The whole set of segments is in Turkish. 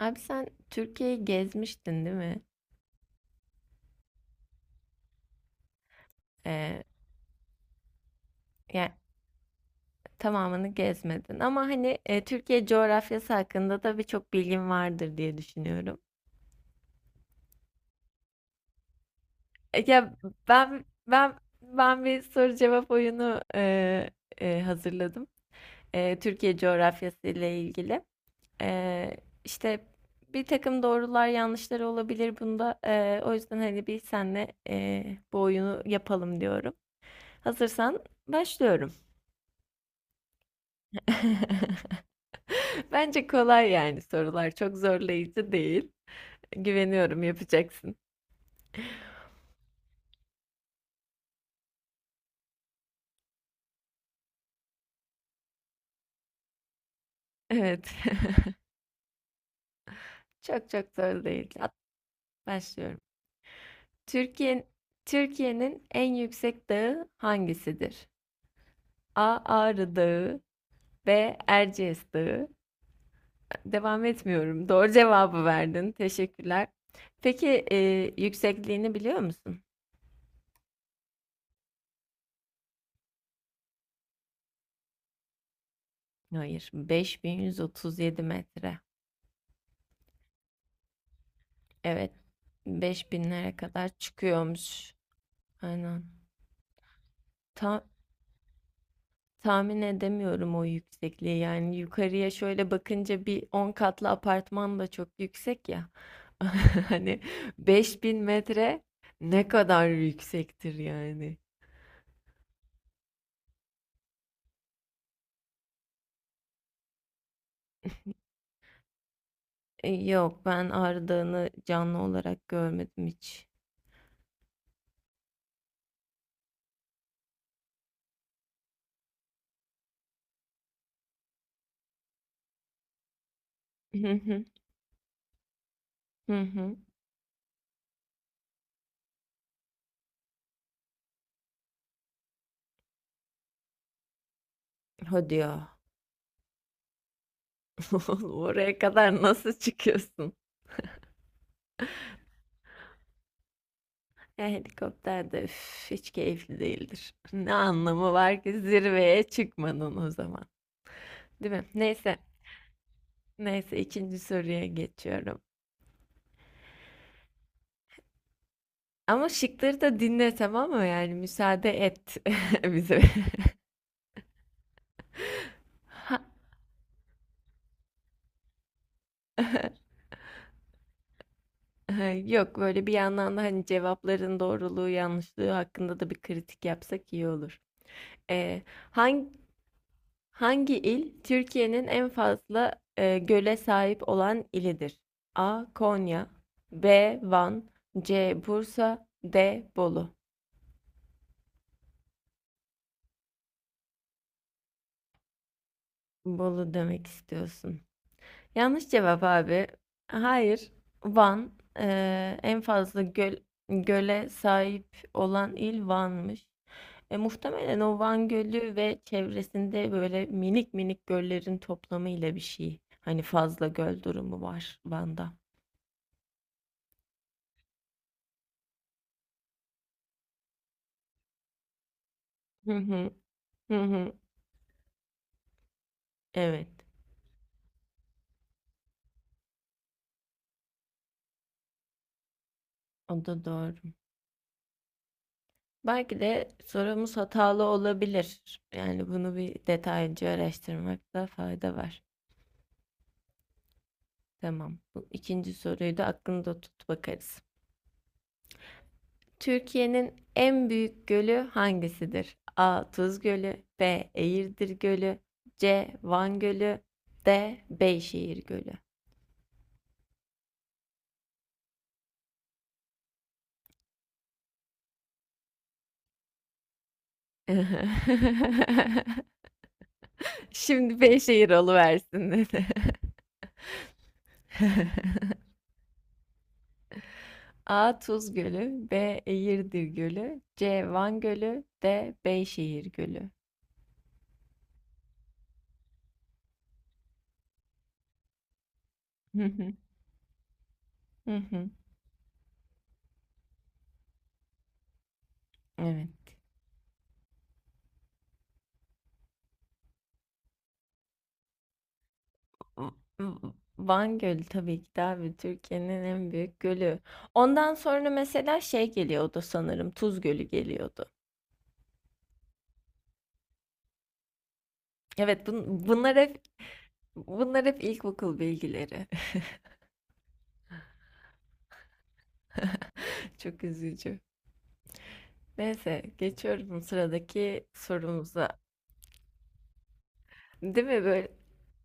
Abi sen Türkiye'yi gezmiştin değil mi? Ee, Yani tamamını gezmedin ama hani Türkiye coğrafyası hakkında da birçok bilgin vardır diye düşünüyorum. E, ya ben ben ben bir soru cevap oyunu hazırladım. E, Türkiye coğrafyası ile ilgili. E, işte Bir takım doğrular yanlışlar olabilir bunda. E, o yüzden hani bir senle bu oyunu yapalım diyorum. Hazırsan başlıyorum. Bence kolay yani sorular. Çok zorlayıcı değil. Güveniyorum yapacaksın. Evet. Çok çok zor değil. At, başlıyorum. Türkiye, Türkiye'nin en yüksek dağı hangisidir? A. Ağrı Dağı. B. Erciyes Dağı. Devam etmiyorum. Doğru cevabı verdin. Teşekkürler. Peki yüksekliğini biliyor musun? Hayır. 5137 metre. Evet, beş binlere kadar çıkıyormuş. Aynen. Ta- tahmin edemiyorum o yüksekliği. Yani yukarıya şöyle bakınca bir 10 katlı apartman da çok yüksek ya. Hani 5000 metre ne kadar yüksektir yani. Yok, ben Ağrı Dağı'nı canlı olarak görmedim hiç. Hı hı hı. Hı. Hadi ya. Oraya kadar nasıl çıkıyorsun? Ya helikopter de üf, hiç keyifli değildir. Ne anlamı var ki zirveye çıkmanın o zaman. Değil mi? Neyse. Neyse ikinci soruya geçiyorum. Ama şıkları da dinle tamam mı? Yani müsaade et bize. Ha- ha, Yok böyle bir yandan da hani cevapların doğruluğu yanlışlığı hakkında da bir kritik yapsak iyi olur. Ee, hangi Hangi il Türkiye'nin en fazla göle sahip olan ilidir? A. Konya. B. Van. C. Bursa. D. Bolu. Bolu demek istiyorsun. Yanlış cevap abi. Hayır. Van e, en fazla göl, göle sahip olan il Van'mış. E, muhtemelen o Van Gölü ve çevresinde böyle minik minik göllerin toplamıyla bir şey. Hani fazla göl durumu var Van'da. Hı hı. Hı hı. Evet, o da doğru. Belki de sorumuz hatalı olabilir. Yani bunu bir detaylıca araştırmakta fayda var. Tamam. Bu ikinci soruyu da aklında tut bakarız. Türkiye'nin en büyük gölü hangisidir? A. Tuz Gölü, B. Eğirdir Gölü, C. Van Gölü, D. Beyşehir Gölü. Şimdi Beyşehir oluversin dedi. A. Tuz Gölü. B. Eğirdir Gölü. C. Van Gölü. D. Beyşehir Gölü. Hı hı, hı hı. Evet. V- V- Van Gölü tabii ki de abi Türkiye'nin en büyük gölü. Ondan sonra mesela şey geliyordu sanırım Tuz Gölü geliyordu. Evet, bunlar hep ilkokul bilgileri. Çok üzücü. Neyse geçiyorum sıradaki sorumuza. Değil mi böyle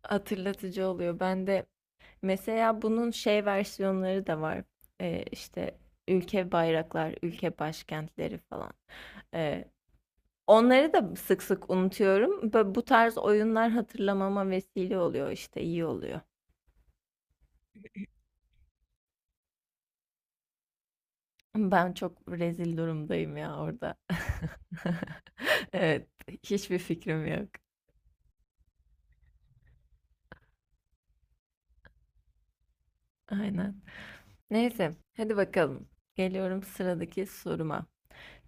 hatırlatıcı oluyor. Ben de mesela bunun şey versiyonları da var. Ee, işte Ülke bayraklar, ülke başkentleri falan. Ee, Onları da sık sık unutuyorum. Ve bu tarz oyunlar hatırlamama vesile oluyor işte iyi oluyor. Ben çok rezil durumdayım ya orada. Evet, hiçbir fikrim yok. Aynen. Neyse, hadi bakalım. Geliyorum sıradaki soruma.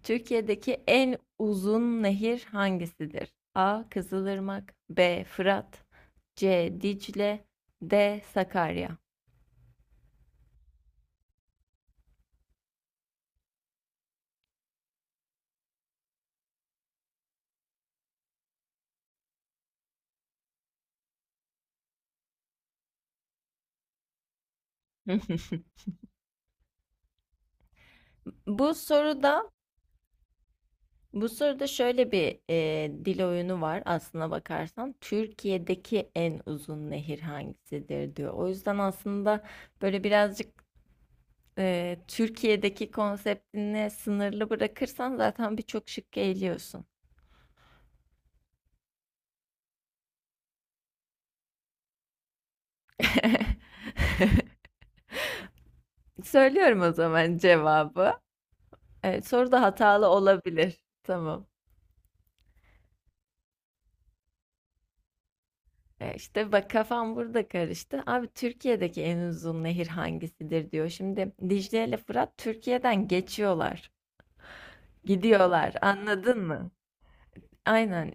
Türkiye'deki en uzun nehir hangisidir? A. Kızılırmak. B. Fırat. C. Dicle. D. Sakarya. Bu soruda bu soruda şöyle bir dil oyunu var aslına bakarsan. Türkiye'deki en uzun nehir hangisidir diyor. O yüzden aslında böyle birazcık Türkiye'deki konseptini sınırlı bırakırsan zaten birçok şıkkı eliyorsun. Söylüyorum o zaman cevabı. Evet, soru da hatalı olabilir. Tamam. İşte bak kafam burada karıştı. Abi Türkiye'deki en uzun nehir hangisidir diyor. Şimdi Dicle ile Fırat Türkiye'den geçiyorlar. Gidiyorlar. Anladın mı? Aynen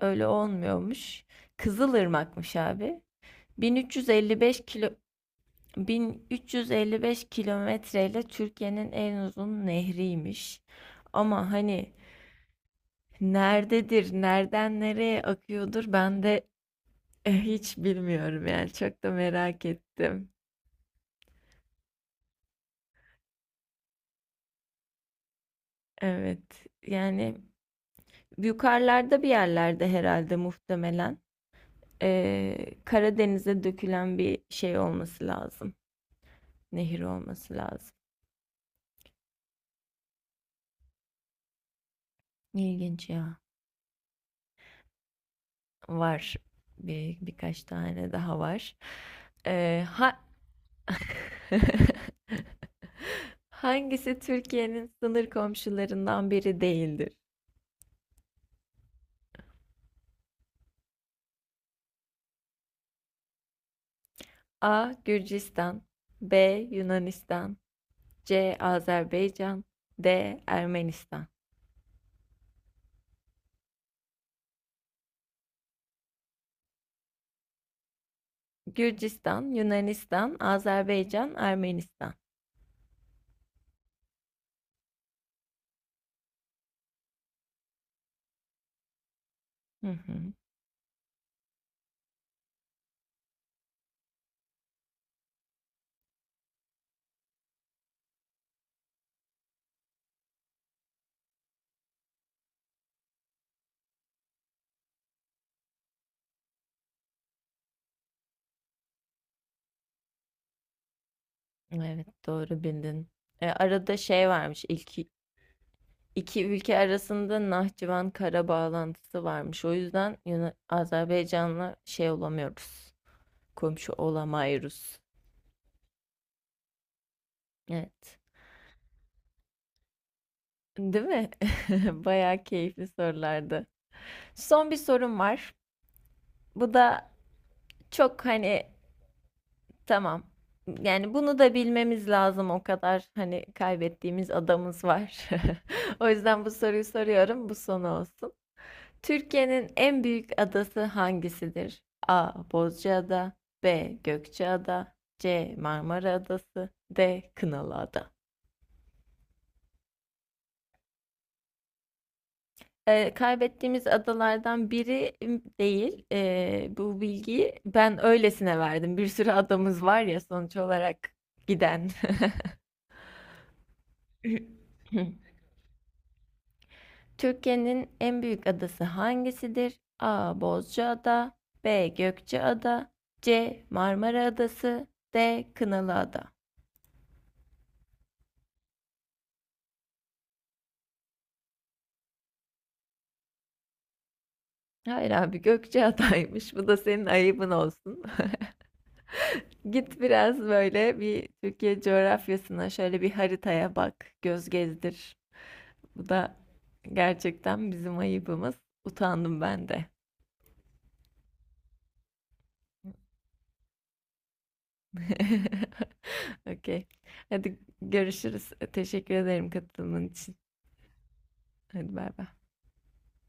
öyle olmuyormuş. Kızılırmak'mış abi. 1355 kilo 1355 kilometreyle Türkiye'nin en uzun nehriymiş. Ama hani nerededir, nereden nereye akıyordur ben de hiç bilmiyorum yani çok da merak ettim. Evet yani yukarılarda bir yerlerde herhalde muhtemelen Karadeniz'e dökülen bir şey olması lazım. Nehir olması lazım. İlginç ya. Var, birkaç tane daha var. Ee, ha Hangisi Türkiye'nin sınır komşularından biri değildir? A. Gürcistan. B. Yunanistan. C. Azerbaycan. D. Ermenistan. Gürcistan, Yunanistan, Azerbaycan, Ermenistan. Hı hı. Evet, doğru bildin. E, arada şey varmış, ilk iki ülke arasında Nahçıvan kara bağlantısı varmış. O yüzden Azerbaycan'la şey olamıyoruz, komşu olamayırız. Evet, değil mi? Bayağı keyifli sorulardı. Son bir sorum var. Bu da çok hani tamam. Yani bunu da bilmemiz lazım o kadar hani kaybettiğimiz adamız var. O yüzden bu soruyu soruyorum. Bu son olsun. Türkiye'nin en büyük adası hangisidir? A. Bozcaada. B. Gökçeada. C. Marmara Adası. D. Kınalıada. Kaybettiğimiz adalardan biri değil. Bu bilgiyi ben öylesine verdim. Bir sürü adamız var ya sonuç olarak giden. Türkiye'nin en büyük adası hangisidir? A. Bozcaada. B. Gökçeada. C. Marmara Adası. D. Kınalıada. Hayır abi Gökçeada'ymış. Bu da senin ayıbın olsun. Git biraz böyle bir Türkiye coğrafyasına şöyle bir haritaya bak, göz gezdir. Bu da gerçekten bizim ayıbımız. Utandım ben de. Okey. Hadi görüşürüz. Teşekkür ederim katılımın için. Hadi bay bay.